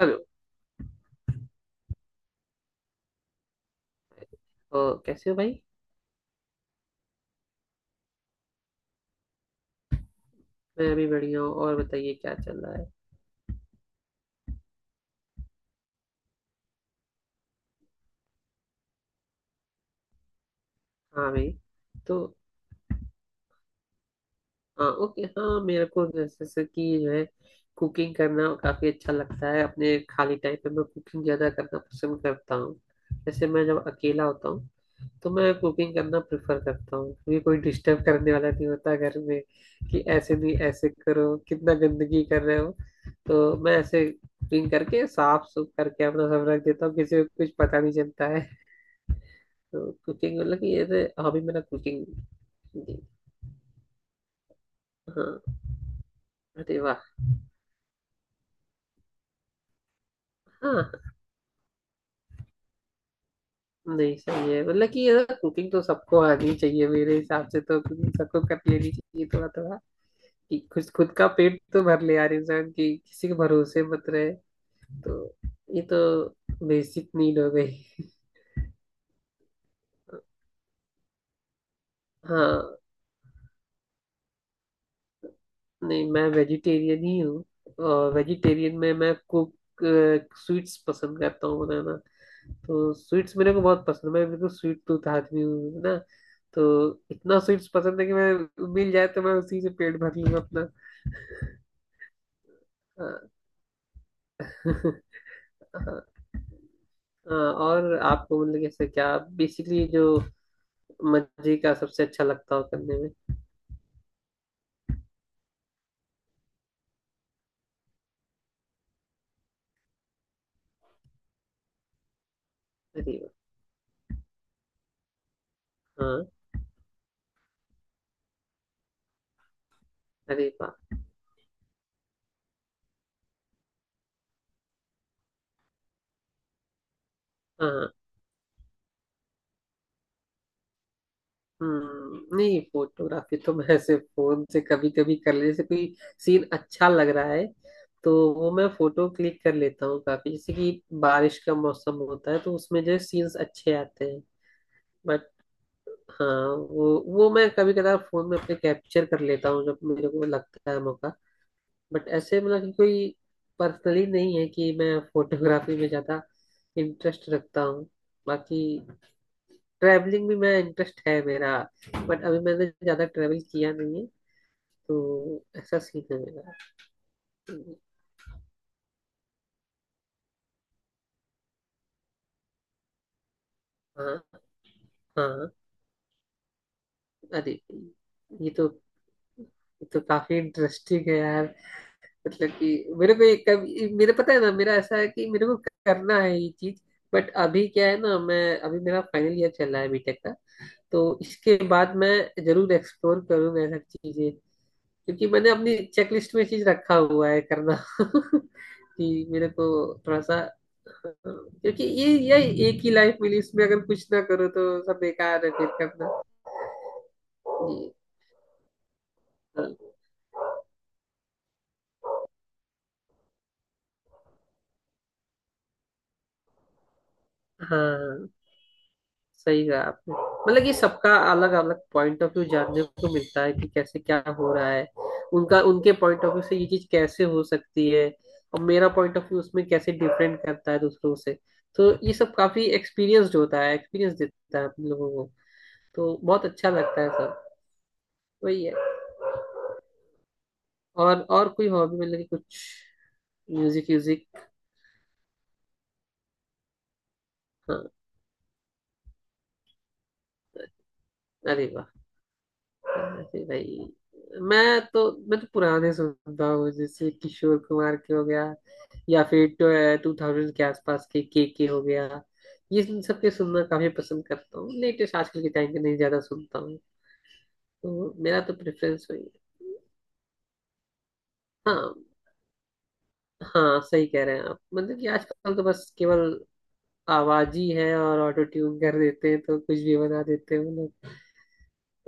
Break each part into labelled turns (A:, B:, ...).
A: Hello. तो कैसे हो भाई। मैं अभी बढ़िया हूँ। और बताइए क्या चल रहा है। हाँ भाई, तो हाँ, ओके। हाँ, मेरे को जैसे जैसे कि जो है कुकिंग करना काफ़ी अच्छा लगता है। अपने खाली टाइम पे मैं कुकिंग ज़्यादा करना पसंद करता हूँ। जैसे मैं जब अकेला होता हूँ तो मैं कुकिंग करना प्रेफर करता हूँ, क्योंकि कोई डिस्टर्ब करने वाला नहीं होता घर में कि ऐसे नहीं ऐसे करो, कितना गंदगी कर रहे हो। तो मैं ऐसे कुकिंग करके साफ सुफ करके अपना सब रख देता हूँ, किसी को कुछ पता नहीं चलता है। तो कुकिंग मतलब कि एज ए हॉबी मेरा कुकिंग। हाँ, अरे वाह। हाँ, नहीं सही है। मतलब कि ये कुकिंग तो सबको आनी चाहिए। मेरे हिसाब से तो cooking सबको कर लेनी चाहिए थोड़ा थोड़ा, कि खुद खुद का पेट तो भर ले यार इंसान। की किसी के भरोसे मत रहे। तो ये तो बेसिक नीड हो गई। हाँ, नहीं मैं वेजिटेरियन ही हूँ। और वेजिटेरियन में मैं कुक स्वीट्स पसंद करता हूँ बनाना। तो स्वीट्स मेरे को बहुत पसंद है। मैं बिल्कुल स्वीट टूथ आदमी हूँ, है ना। तो इतना स्वीट्स पसंद है कि मैं मिल जाए तो मैं उसी से पेट भर लूंगा अपना। हाँ, हाँ, और आपको मतलब कैसे क्या बेसिकली जो मजे का सबसे अच्छा लगता हो करने में। अरे वाह। हाँ, अरे वाह। हाँ, हम्म, नहीं फोटोग्राफी तो मैं ऐसे फोन से कभी कभी कर ले जैसे कोई सीन अच्छा लग रहा है तो वो मैं फोटो क्लिक कर लेता हूँ काफी। जैसे कि बारिश का मौसम होता है तो उसमें जो सीन्स अच्छे आते हैं। बट हाँ, वो मैं कभी कदार फोन में अपने कैप्चर कर लेता हूँ जब मेरे को लगता है मौका। बट ऐसे मतलब कि कोई पर्सनली नहीं है कि मैं फोटोग्राफी में ज्यादा इंटरेस्ट रखता हूँ। बाकी ट्रैवलिंग भी मैं इंटरेस्ट है मेरा, बट अभी मैंने ज्यादा ट्रैवल किया नहीं है। तो ऐसा सीन है मेरा। हाँ हाँ। अरे, ये तो ये तो काफी इंटरेस्टिंग है यार। मतलब कि मेरे को ये कभी, मेरे पता है ना, मेरा ऐसा है कि मेरे को करना है ये चीज। बट अभी क्या है ना, मैं अभी मेरा फाइनल ईयर चल रहा है बीटेक का। तो इसके बाद मैं जरूर एक्सप्लोर करूंगा ये सब चीजें, क्योंकि मैंने अपनी चेकलिस्ट में चीज रखा हुआ है करना। कि मेरे को थोड़ा सा, क्योंकि ये एक ही लाइफ मिली। इसमें अगर कुछ ना करो तो सब बेकार है फिर करना। जी, हाँ सही कहा आपने। मतलब कि सबका अलग अलग पॉइंट ऑफ व्यू जानने को मिलता है कि कैसे क्या हो रहा है। उनका, उनके पॉइंट ऑफ व्यू से ये चीज कैसे हो सकती है, और मेरा पॉइंट ऑफ व्यू उसमें कैसे डिफरेंट करता है दूसरों से। तो ये सब काफी एक्सपीरियंस्ड होता है, एक्सपीरियंस देता है हम लोगों को। तो बहुत अच्छा लगता है सब। वही है। और कोई हॉबी मतलब कि कुछ म्यूजिक म्यूजिक। हाँ, अरे वाह। अरे भाई, मैं तो पुराने सुनता हूँ। जैसे किशोर कुमार के हो गया, या फिर 2000 के आसपास के के हो गया। ये इन सब के सुनना काफी पसंद करता हूँ, लेटेस्ट आजकल के टाइम के नहीं ज्यादा सुनता हूँ। तो मेरा तो प्रेफरेंस वही है। हाँ, हाँ सही कह रहे हैं आप। मतलब कि आजकल तो बस केवल आवाज ही है, और ऑटो ट्यून कर देते हैं तो कुछ भी बना देते हैं वो लोग।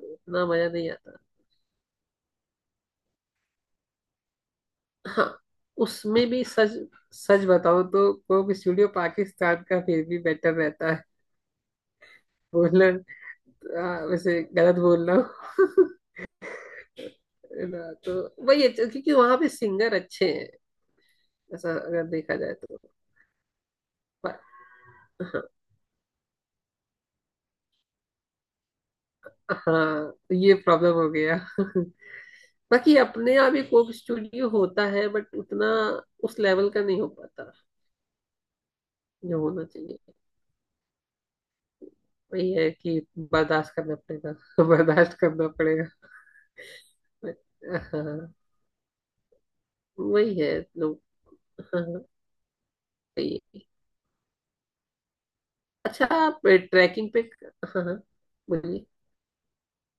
A: इतना मजा नहीं। हाँ, उसमें भी सच। सच बताऊं तो कोक स्टूडियो पाकिस्तान का फिर भी बेटर रहता है बोलना। वैसे गलत बोल रहा हूँ। है ना, तो वही है। तो क्योंकि वहां पे सिंगर अच्छे हैं, ऐसा अगर देखा जाए तो। पर-, हाँ हाँ, ये प्रॉब्लम हो गया। बाकी अपने यहाँ भी कोक स्टूडियो होता है बट उतना उस लेवल का नहीं हो पाता जो होना चाहिए। वही है कि बर्दाश्त करना पड़ेगा। बर्दाश्त करना पड़ेगा। हाँ, वही है लोग। हाँ हाँ, सही है। अच्छा, आप ट्रैकिंग पे। हाँ हाँ, बोलिए।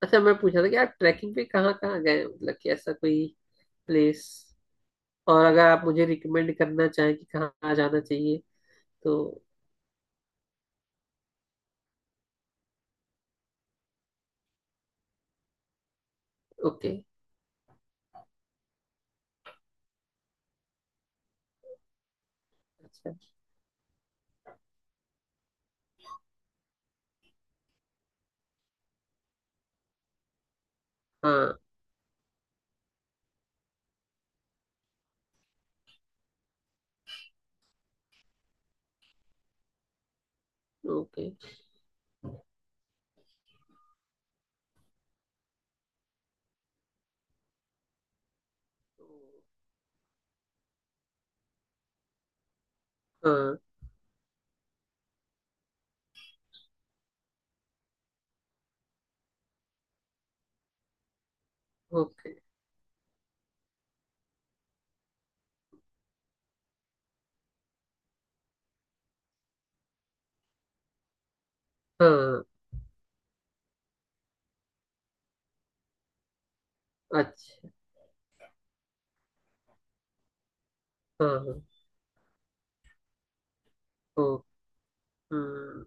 A: अच्छा, मैं पूछ रहा था कि आप ट्रैकिंग पे कहाँ कहाँ गए हैं? मतलब कि ऐसा कोई प्लेस, और अगर आप मुझे रिकमेंड करना चाहें कि कहाँ जाना चाहिए तो। ओके। अच्छा। हाँ। ओके। हाँ। ओके। हाँ। अच्छा। हाँ हाँ। ओ। हम्म,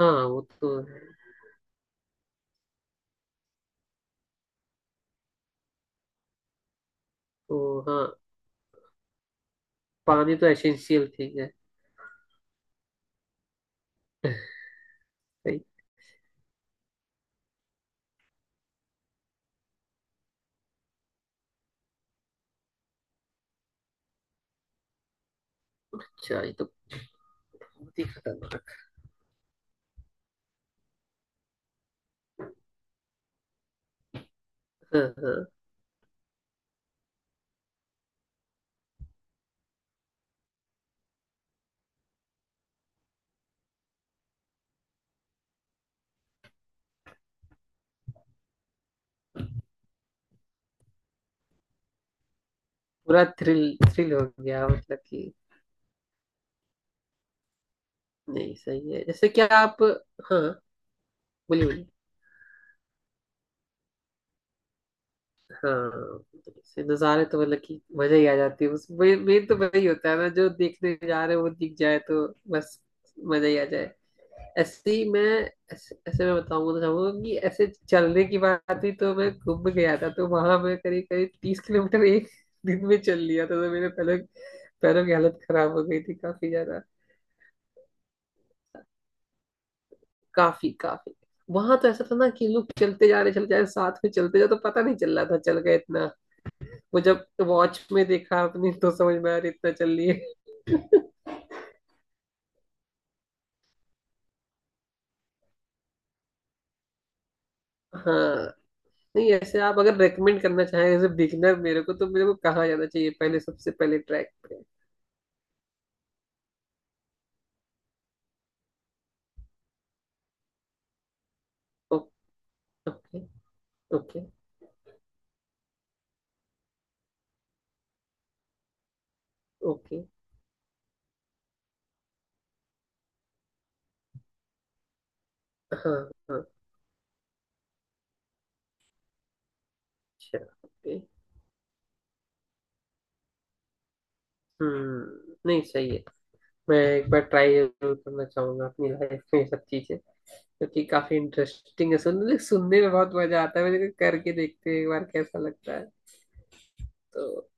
A: हाँ वो तो है। तो हाँ, पानी तो एसेंशियल चीज है। सही। अच्छा, ये तो बहुत ही खतरनाक। हाँ हाँ, पूरा थ्रिल थ्रिल हो गया मतलब कि। नहीं सही है। जैसे क्या आप? हाँ, बोलिए बोलिए। हाँ, जैसे नज़ारे तो मतलब कि मजा ही आ जाती है उसमें। मेन तो वही होता है ना, जो देखने जा रहे हैं वो दिख जाए तो बस मजा ही आ जाए। ऐसे ही मैं, ऐसे मैं बताऊंगा तो चाहूंगा कि ऐसे चलने की बात हुई तो मैं घूम गया था। तो वहां मैं करीब करीब 30 किलोमीटर एक दिन में चल लिया था। तो मेरे पैरों पैरों की हालत खराब हो गई थी काफी ज्यादा। काफी काफी। वहां तो ऐसा था ना कि लोग चलते जा रहे साथ में चलते जा, तो पता नहीं चल रहा था चल गए इतना। वो जब वॉच में देखा अपनी तो समझ में आ रही इतना चल रही है। हाँ, नहीं ऐसे आप अगर रेकमेंड करना चाहें एज ए बिगिनर मेरे को, तो मेरे को कहाँ जाना चाहिए पहले, सबसे पहले ट्रैक पे। ओके। ओके। ओके। हाँ हाँ। अच्छा। ओके। हम्म, नहीं सही है। मैं एक बार ट्राई जरूर करना चाहूंगा अपनी लाइफ में ये सब चीजें, क्योंकि काफी इंटरेस्टिंग है। सुनने सुनने में बहुत मजा आता है, मुझे करके देखते हैं एक बार कैसा लगता है। तो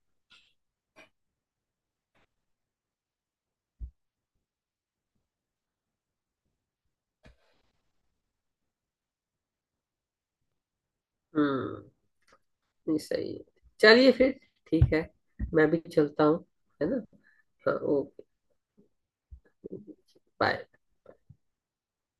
A: हम्म, नहीं सही है। चलिए फिर, ठीक है, मैं भी चलता हूँ, है ना। हाँ, ओके। बाय।